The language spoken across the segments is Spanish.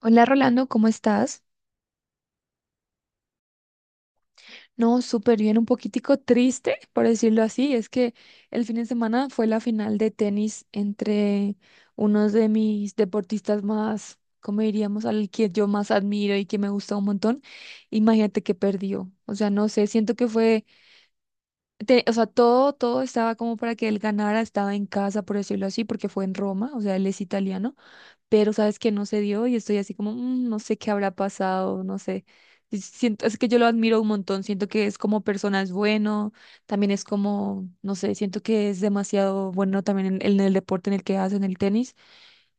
Hola Rolando, ¿cómo estás? No, súper bien, un poquitico triste, por decirlo así. Es que el fin de semana fue la final de tenis entre unos de mis deportistas más, como diríamos, al que yo más admiro y que me gusta un montón. Imagínate que perdió. O sea, no sé, siento que fue, o sea, todo estaba como para que él ganara, estaba en casa, por decirlo así, porque fue en Roma, o sea, él es italiano. Pero sabes que no se dio y estoy así como, "Mm, no sé qué habrá pasado, no sé." Y es que yo lo admiro un montón, siento que es como persona es bueno, también es como, no sé, siento que es demasiado bueno también en el deporte en el que hace en el tenis.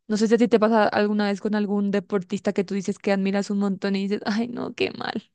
No sé si a ti te pasa alguna vez con algún deportista que tú dices que admiras un montón y dices, ay, no, qué mal.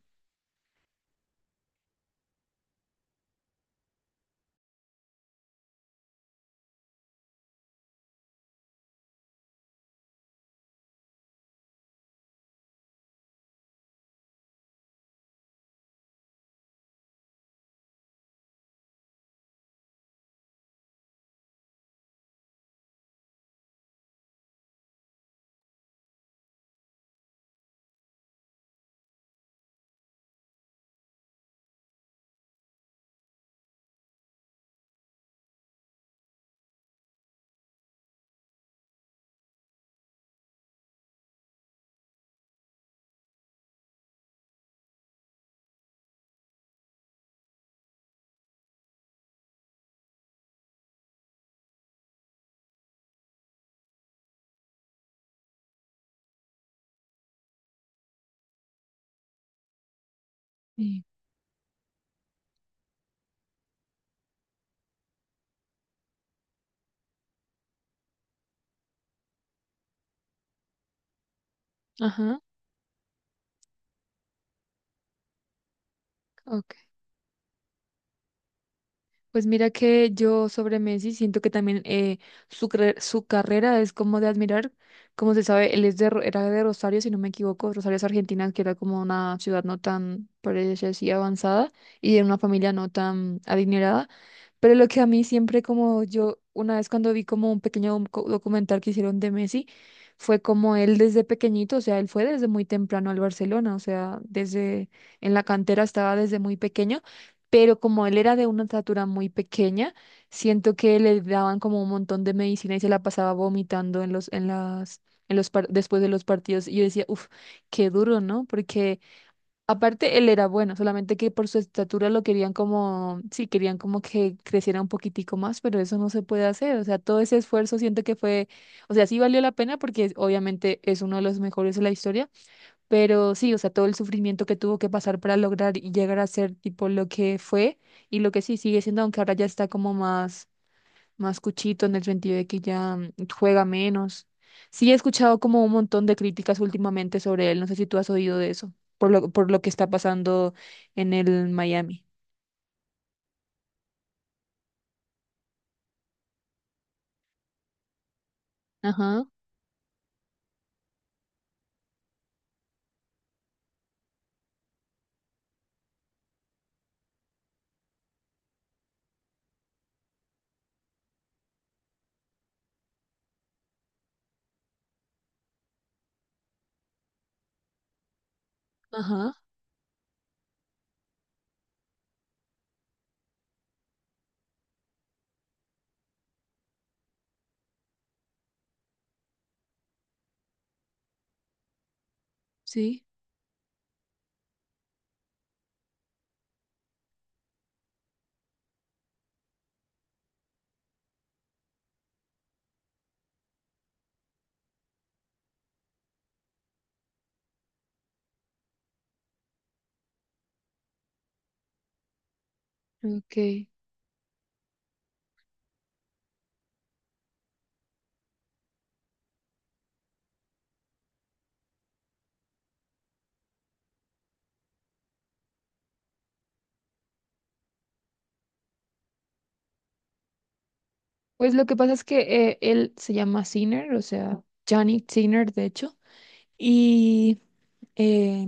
Sí. Ajá, ok. Pues mira que yo sobre Messi siento que también su carrera es como de admirar. Como se sabe, él era de Rosario, si no me equivoco. Rosario es Argentina, que era como una ciudad no tan, por decir así, avanzada y de una familia no tan adinerada. Pero lo que a mí siempre como yo, una vez cuando vi como un pequeño documental que hicieron de Messi, fue como él desde pequeñito, o sea, él fue desde muy temprano al Barcelona, o sea, desde en la cantera estaba desde muy pequeño pero como él era de una estatura muy pequeña, siento que le daban como un montón de medicina y se la pasaba vomitando en los, en las, en los par- después de los partidos. Y yo decía, uff, qué duro, ¿no? Porque aparte él era bueno, solamente que por su estatura lo querían como, sí, querían como que creciera un poquitico más, pero eso no se puede hacer. O sea, todo ese esfuerzo siento que fue, o sea, sí valió la pena porque obviamente es uno de los mejores de la historia pero sí, o sea, todo el sufrimiento que tuvo que pasar para lograr y llegar a ser tipo lo que fue y lo que sí sigue siendo, aunque ahora ya está como más, más cuchito en el sentido de que ya juega menos. Sí, he escuchado como un montón de críticas últimamente sobre él. No sé si tú has oído de eso, por lo que está pasando en el Miami. Ajá, ajá, sí, ok. Pues lo que pasa es que él se llama Sinner, o sea, Johnny Sinner, de hecho. Y eh,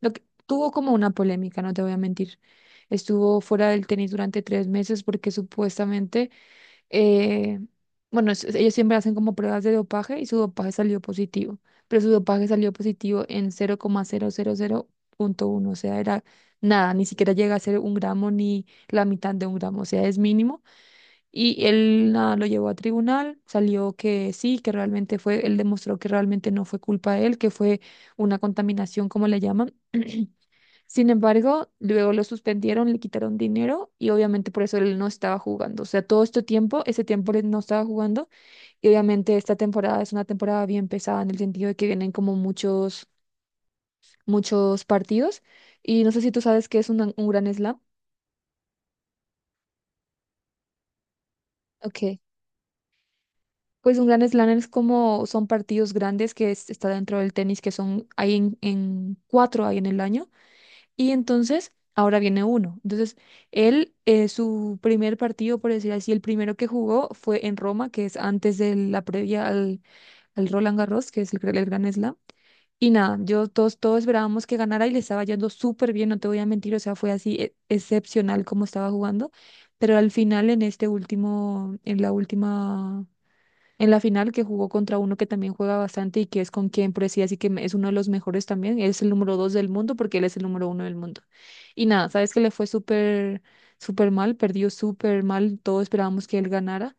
lo que, tuvo como una polémica, no te voy a mentir. Estuvo fuera del tenis durante 3 meses porque supuestamente, eh, bueno, ellos siempre hacen como pruebas de dopaje y su dopaje salió positivo, pero su dopaje salió positivo en cero coma cero cero cero coma punto uno, o sea, era nada, ni siquiera llega a ser un gramo ni la mitad de un gramo, o sea, es mínimo. Y él nada, lo llevó a tribunal, salió que sí, que realmente fue, él demostró que realmente no fue culpa de él, que fue una contaminación, como le llaman. Sin embargo, luego lo suspendieron, le quitaron dinero y obviamente por eso él no estaba jugando. O sea, todo este tiempo, ese tiempo él no estaba jugando y obviamente esta temporada es una temporada bien pesada en el sentido de que vienen como muchos partidos. Y no sé si tú sabes que es un gran slam. Ok. Pues un gran slam es como son partidos grandes que está dentro del tenis, que son hay en cuatro hay en el año, y entonces ahora viene uno. Entonces, él, su primer partido, por decir así, el primero que jugó fue en Roma, que es antes de la previa al Roland Garros, que es el Gran Slam. Y nada, yo todos esperábamos que ganara y le estaba yendo súper bien, no te voy a mentir, o sea, fue así excepcional como estaba jugando, pero al final en este último, en la última en la final que jugó contra uno que también juega bastante y que es con quien Precias y que es uno de los mejores también. Él es el número dos del mundo porque él es el número uno del mundo. Y nada, sabes que le fue súper, súper mal, perdió súper mal, todos esperábamos que él ganara.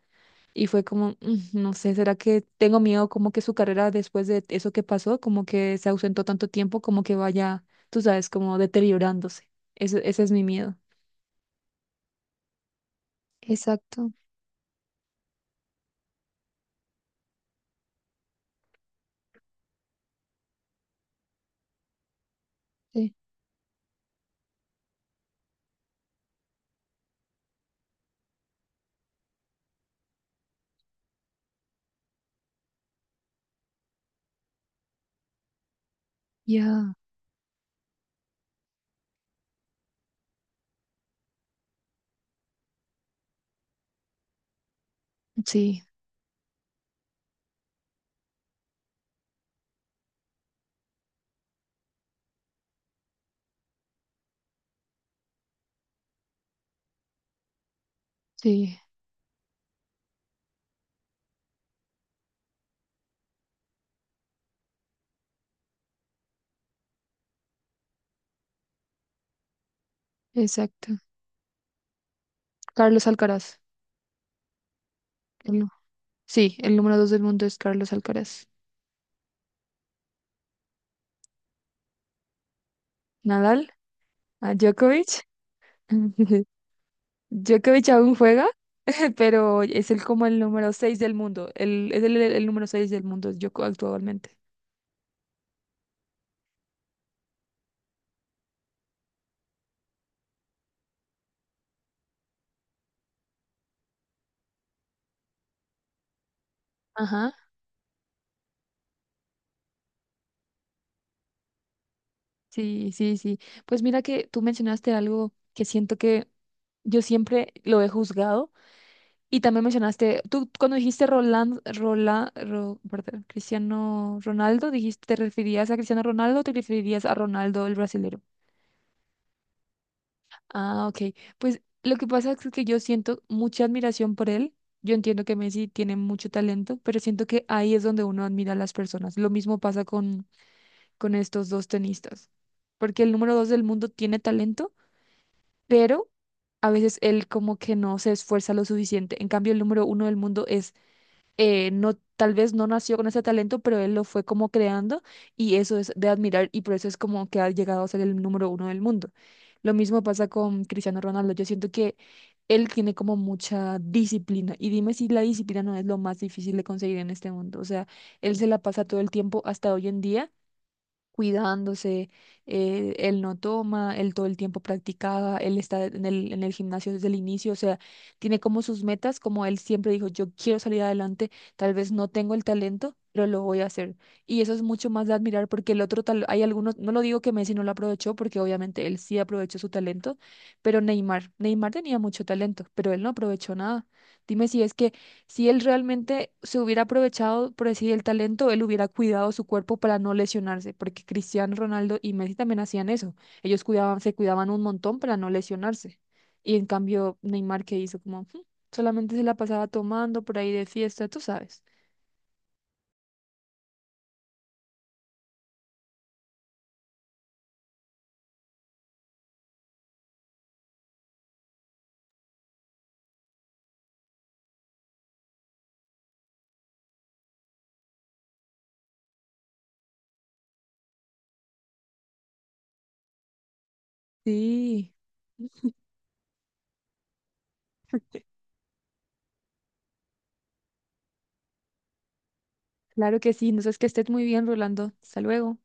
Y fue como, "Mm, no sé, ¿será que tengo miedo como que su carrera después de eso que pasó, como que se ausentó tanto tiempo, como que vaya, tú sabes, como deteriorándose?" Ese es mi miedo. Exacto, sí, ya, sí, sí, exacto. Carlos Alcaraz. Sí, el número dos del mundo es Carlos Alcaraz. Nadal, a Djokovic. Djokovic aún juega, pero es el como el número 6 del mundo. Es el número 6 del mundo, yo actualmente. Ajá. Sí, sí, sí. Pues mira que tú mencionaste algo que siento que yo siempre lo he juzgado. Y también mencionaste, tú cuando dijiste perdón, Cristiano Ronaldo, dijiste, ¿te referías a Cristiano Ronaldo o te referías a Ronaldo el brasileño? Ah, ok. Pues lo que pasa es que yo siento mucha admiración por él. Yo entiendo que Messi tiene mucho talento, pero siento que ahí es donde uno admira a las personas. Lo mismo pasa con, estos dos tenistas, porque el número dos del mundo tiene talento, pero a veces él como que no se esfuerza lo suficiente. En cambio, el número uno del mundo es no, tal vez no nació con ese talento, pero él lo fue como creando y eso es de admirar y por eso es como que ha llegado a ser el número uno del mundo. Lo mismo pasa con Cristiano Ronaldo. Yo siento que él tiene como mucha disciplina y dime si la disciplina no es lo más difícil de conseguir en este mundo. O sea, él se la pasa todo el tiempo hasta hoy en día cuidándose, él no toma, él todo el tiempo practicaba, él está en el gimnasio desde el inicio, o sea, tiene como sus metas, como él siempre dijo, yo quiero salir adelante, tal vez no tengo el talento, pero lo voy a hacer. Y eso es mucho más de admirar porque el otro tal, hay algunos, no lo digo que Messi no lo aprovechó porque obviamente él sí aprovechó su talento, pero Neymar, Neymar tenía mucho talento, pero él no aprovechó nada. Dime si es que si él realmente se hubiera aprovechado, por decir, el talento, él hubiera cuidado su cuerpo para no lesionarse, porque Cristiano Ronaldo y Messi también hacían eso. Ellos cuidaban, se cuidaban un montón para no lesionarse. Y en cambio, Neymar, ¿qué hizo? Como, "Mm", solamente se la pasaba tomando por ahí de fiesta, tú sabes. Sí, claro que sí. No sé, que estés muy bien, Rolando. Hasta luego.